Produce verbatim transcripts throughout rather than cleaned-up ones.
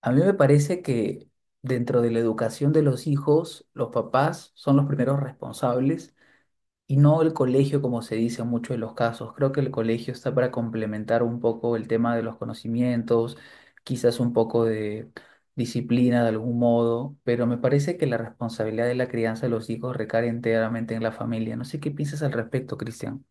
A mí me parece que dentro de la educación de los hijos, los papás son los primeros responsables y no el colegio, como se dice en muchos de los casos. Creo que el colegio está para complementar un poco el tema de los conocimientos, quizás un poco de disciplina de algún modo, pero me parece que la responsabilidad de la crianza de los hijos recae enteramente en la familia. No sé qué piensas al respecto, Cristian.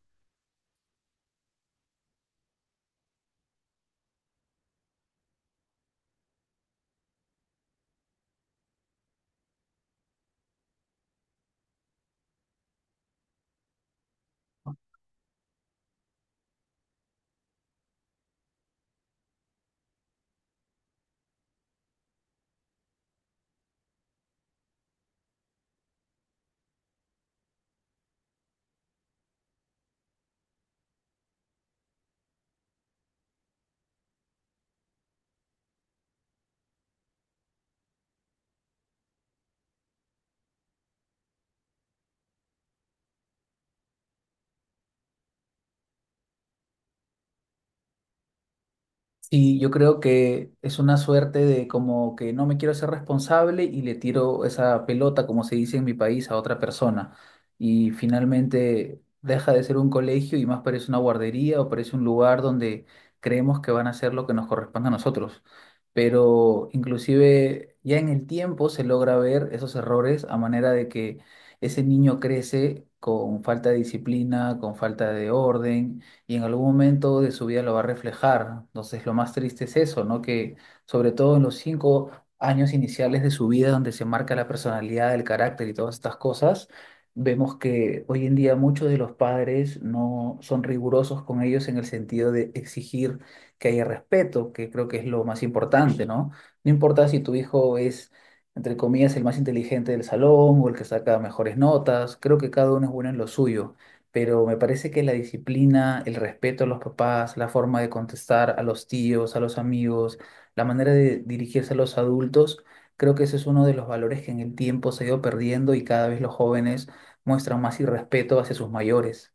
Sí, yo creo que es una suerte de como que no me quiero ser responsable y le tiro esa pelota, como se dice en mi país, a otra persona. Y finalmente deja de ser un colegio y más parece una guardería o parece un lugar donde creemos que van a hacer lo que nos corresponde a nosotros. Pero inclusive ya en el tiempo se logra ver esos errores a manera de que ese niño crece con falta de disciplina, con falta de orden y en algún momento de su vida lo va a reflejar. Entonces, lo más triste es eso, ¿no? Que sobre todo en los cinco años iniciales de su vida, donde se marca la personalidad, el carácter y todas estas cosas, vemos que hoy en día muchos de los padres no son rigurosos con ellos en el sentido de exigir que haya respeto, que creo que es lo más importante, ¿no? No importa si tu hijo es, entre comillas, el más inteligente del salón o el que saca mejores notas. Creo que cada uno es bueno en lo suyo, pero me parece que la disciplina, el respeto a los papás, la forma de contestar a los tíos, a los amigos, la manera de dirigirse a los adultos, creo que ese es uno de los valores que en el tiempo se ha ido perdiendo y cada vez los jóvenes muestran más irrespeto hacia sus mayores.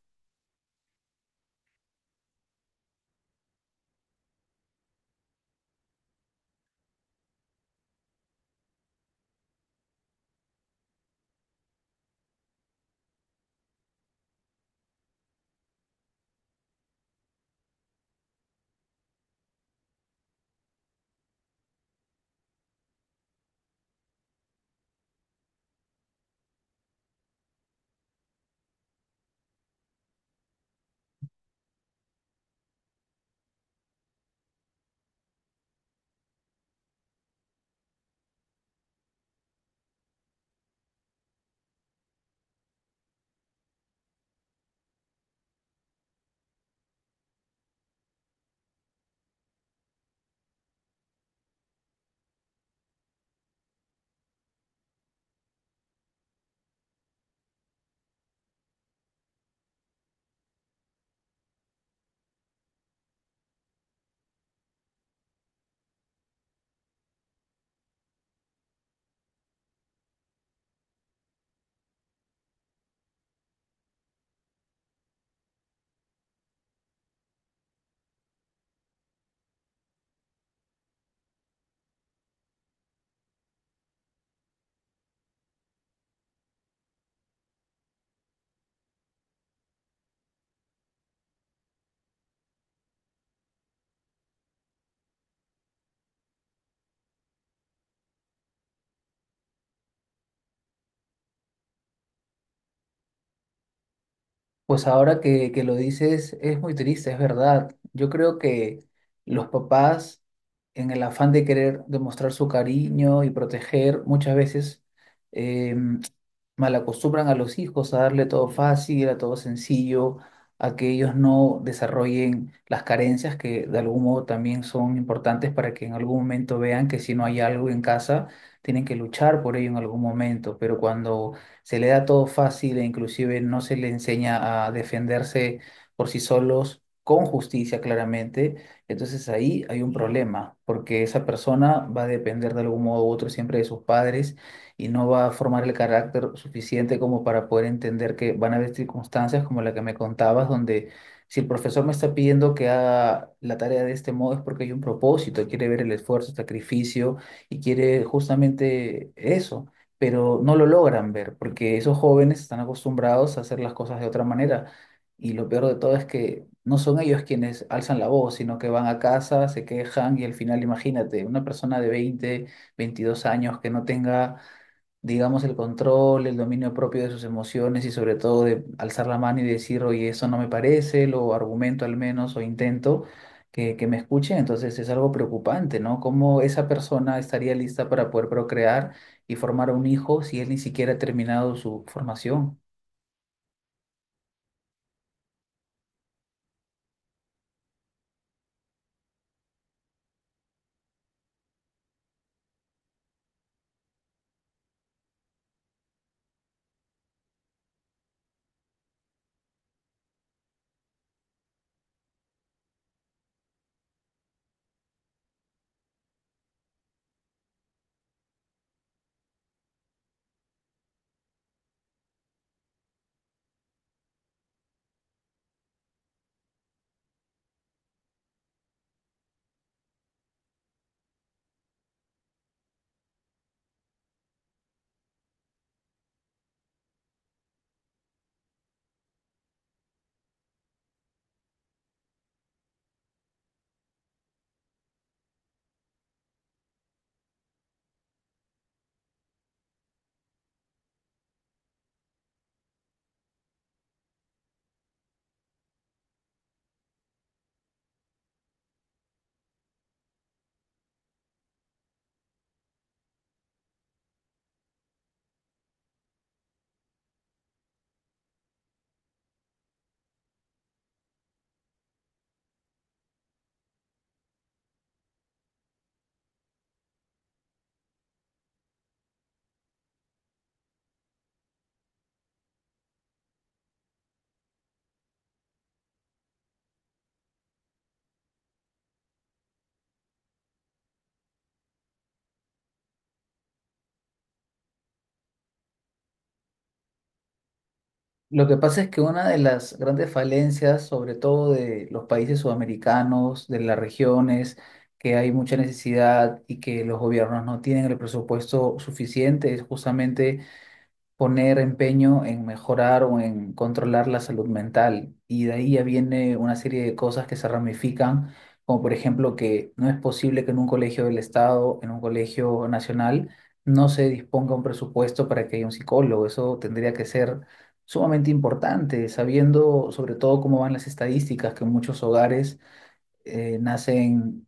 Pues ahora que, que lo dices, es muy triste, es verdad. Yo creo que los papás, en el afán de querer demostrar su cariño y proteger, muchas veces em, malacostumbran a los hijos a darle todo fácil, a todo sencillo, a que ellos no desarrollen las carencias que de algún modo también son importantes para que en algún momento vean que si no hay algo en casa, tienen que luchar por ello en algún momento. Pero cuando se le da todo fácil e inclusive no se le enseña a defenderse por sí solos, con justicia claramente. Entonces ahí hay un problema, porque esa persona va a depender de algún modo u otro siempre de sus padres y no va a formar el carácter suficiente como para poder entender que van a haber circunstancias como la que me contabas, donde si el profesor me está pidiendo que haga la tarea de este modo es porque hay un propósito, quiere ver el esfuerzo, el sacrificio, y quiere justamente eso, pero no lo logran ver porque esos jóvenes están acostumbrados a hacer las cosas de otra manera. Y lo peor de todo es que no son ellos quienes alzan la voz, sino que van a casa, se quejan y al final, imagínate, una persona de veinte veintidós años que no tenga, digamos, el control, el dominio propio de sus emociones y sobre todo de alzar la mano y decir, oye, eso no me parece, lo argumento al menos o intento que, que me escuchen. Entonces es algo preocupante, ¿no? ¿Cómo esa persona estaría lista para poder procrear y formar un hijo si él ni siquiera ha terminado su formación? Lo que pasa es que una de las grandes falencias, sobre todo de los países sudamericanos, de las regiones, que hay mucha necesidad y que los gobiernos no tienen el presupuesto suficiente, es justamente poner empeño en mejorar o en controlar la salud mental. Y de ahí ya viene una serie de cosas que se ramifican, como por ejemplo que no es posible que en un colegio del Estado, en un colegio nacional, no se disponga un presupuesto para que haya un psicólogo. Eso tendría que ser sumamente importante, sabiendo sobre todo cómo van las estadísticas, que en muchos hogares eh, nacen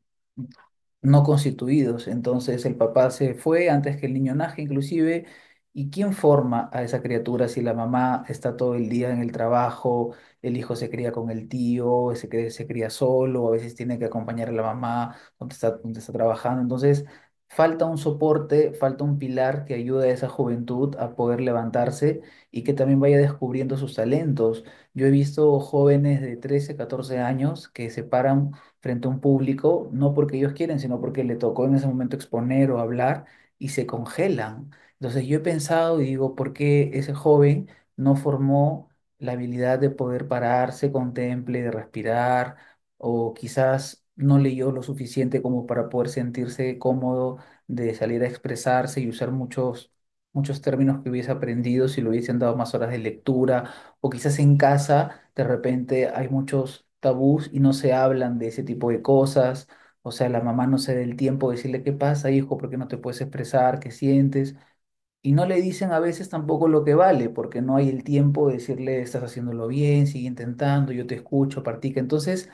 no constituidos. Entonces el papá se fue antes que el niño nazca inclusive. ¿Y quién forma a esa criatura si la mamá está todo el día en el trabajo, el hijo se cría con el tío, se cría, se cría solo, a veces tiene que acompañar a la mamá donde está, donde está trabajando? Entonces falta un soporte, falta un pilar que ayude a esa juventud a poder levantarse y que también vaya descubriendo sus talentos. Yo he visto jóvenes de trece catorce años que se paran frente a un público, no porque ellos quieren, sino porque le tocó en ese momento exponer o hablar y se congelan. Entonces yo he pensado y digo, ¿por qué ese joven no formó la habilidad de poder pararse, contemple, de respirar, o quizás no leyó lo suficiente como para poder sentirse cómodo de salir a expresarse y usar muchos muchos términos que hubiese aprendido si le hubiesen dado más horas de lectura, o quizás en casa de repente hay muchos tabús y no se hablan de ese tipo de cosas? O sea, la mamá no se da el tiempo de decirle qué pasa, hijo, por qué no te puedes expresar, qué sientes. Y no le dicen a veces tampoco lo que vale, porque no hay el tiempo de decirle estás haciéndolo bien, sigue intentando, yo te escucho, practica. Entonces,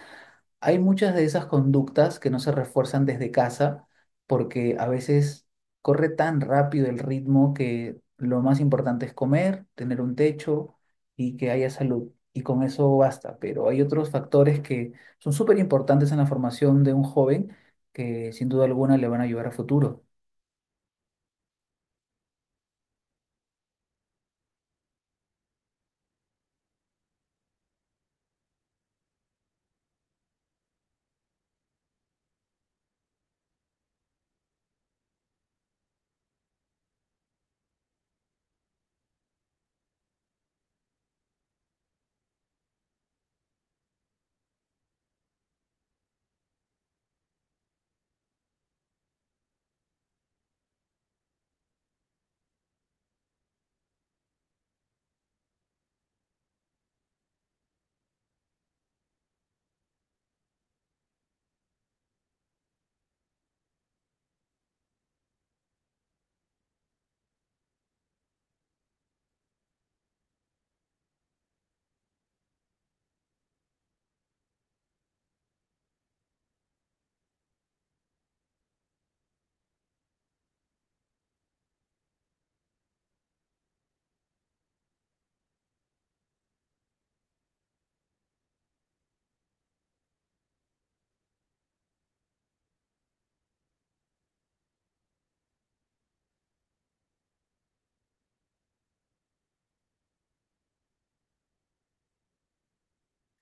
hay muchas de esas conductas que no se refuerzan desde casa porque a veces corre tan rápido el ritmo que lo más importante es comer, tener un techo y que haya salud. Y con eso basta. Pero hay otros factores que son súper importantes en la formación de un joven que sin duda alguna le van a ayudar a futuro.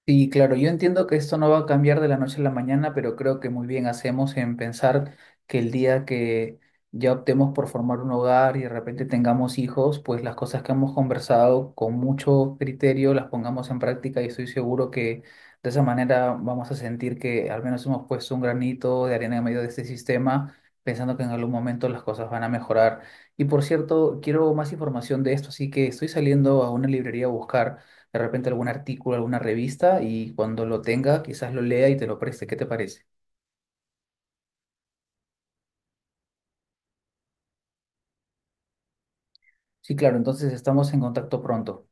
Sí, claro, yo entiendo que esto no va a cambiar de la noche a la mañana, pero creo que muy bien hacemos en pensar que el día que ya optemos por formar un hogar y de repente tengamos hijos, pues las cosas que hemos conversado con mucho criterio las pongamos en práctica y estoy seguro que de esa manera vamos a sentir que al menos hemos puesto un granito de arena en medio de este sistema, pensando que en algún momento las cosas van a mejorar. Y por cierto, quiero más información de esto, así que estoy saliendo a una librería a buscar de repente algún artículo, alguna revista y cuando lo tenga quizás lo lea y te lo preste. ¿Qué te parece? Sí, claro, entonces estamos en contacto pronto.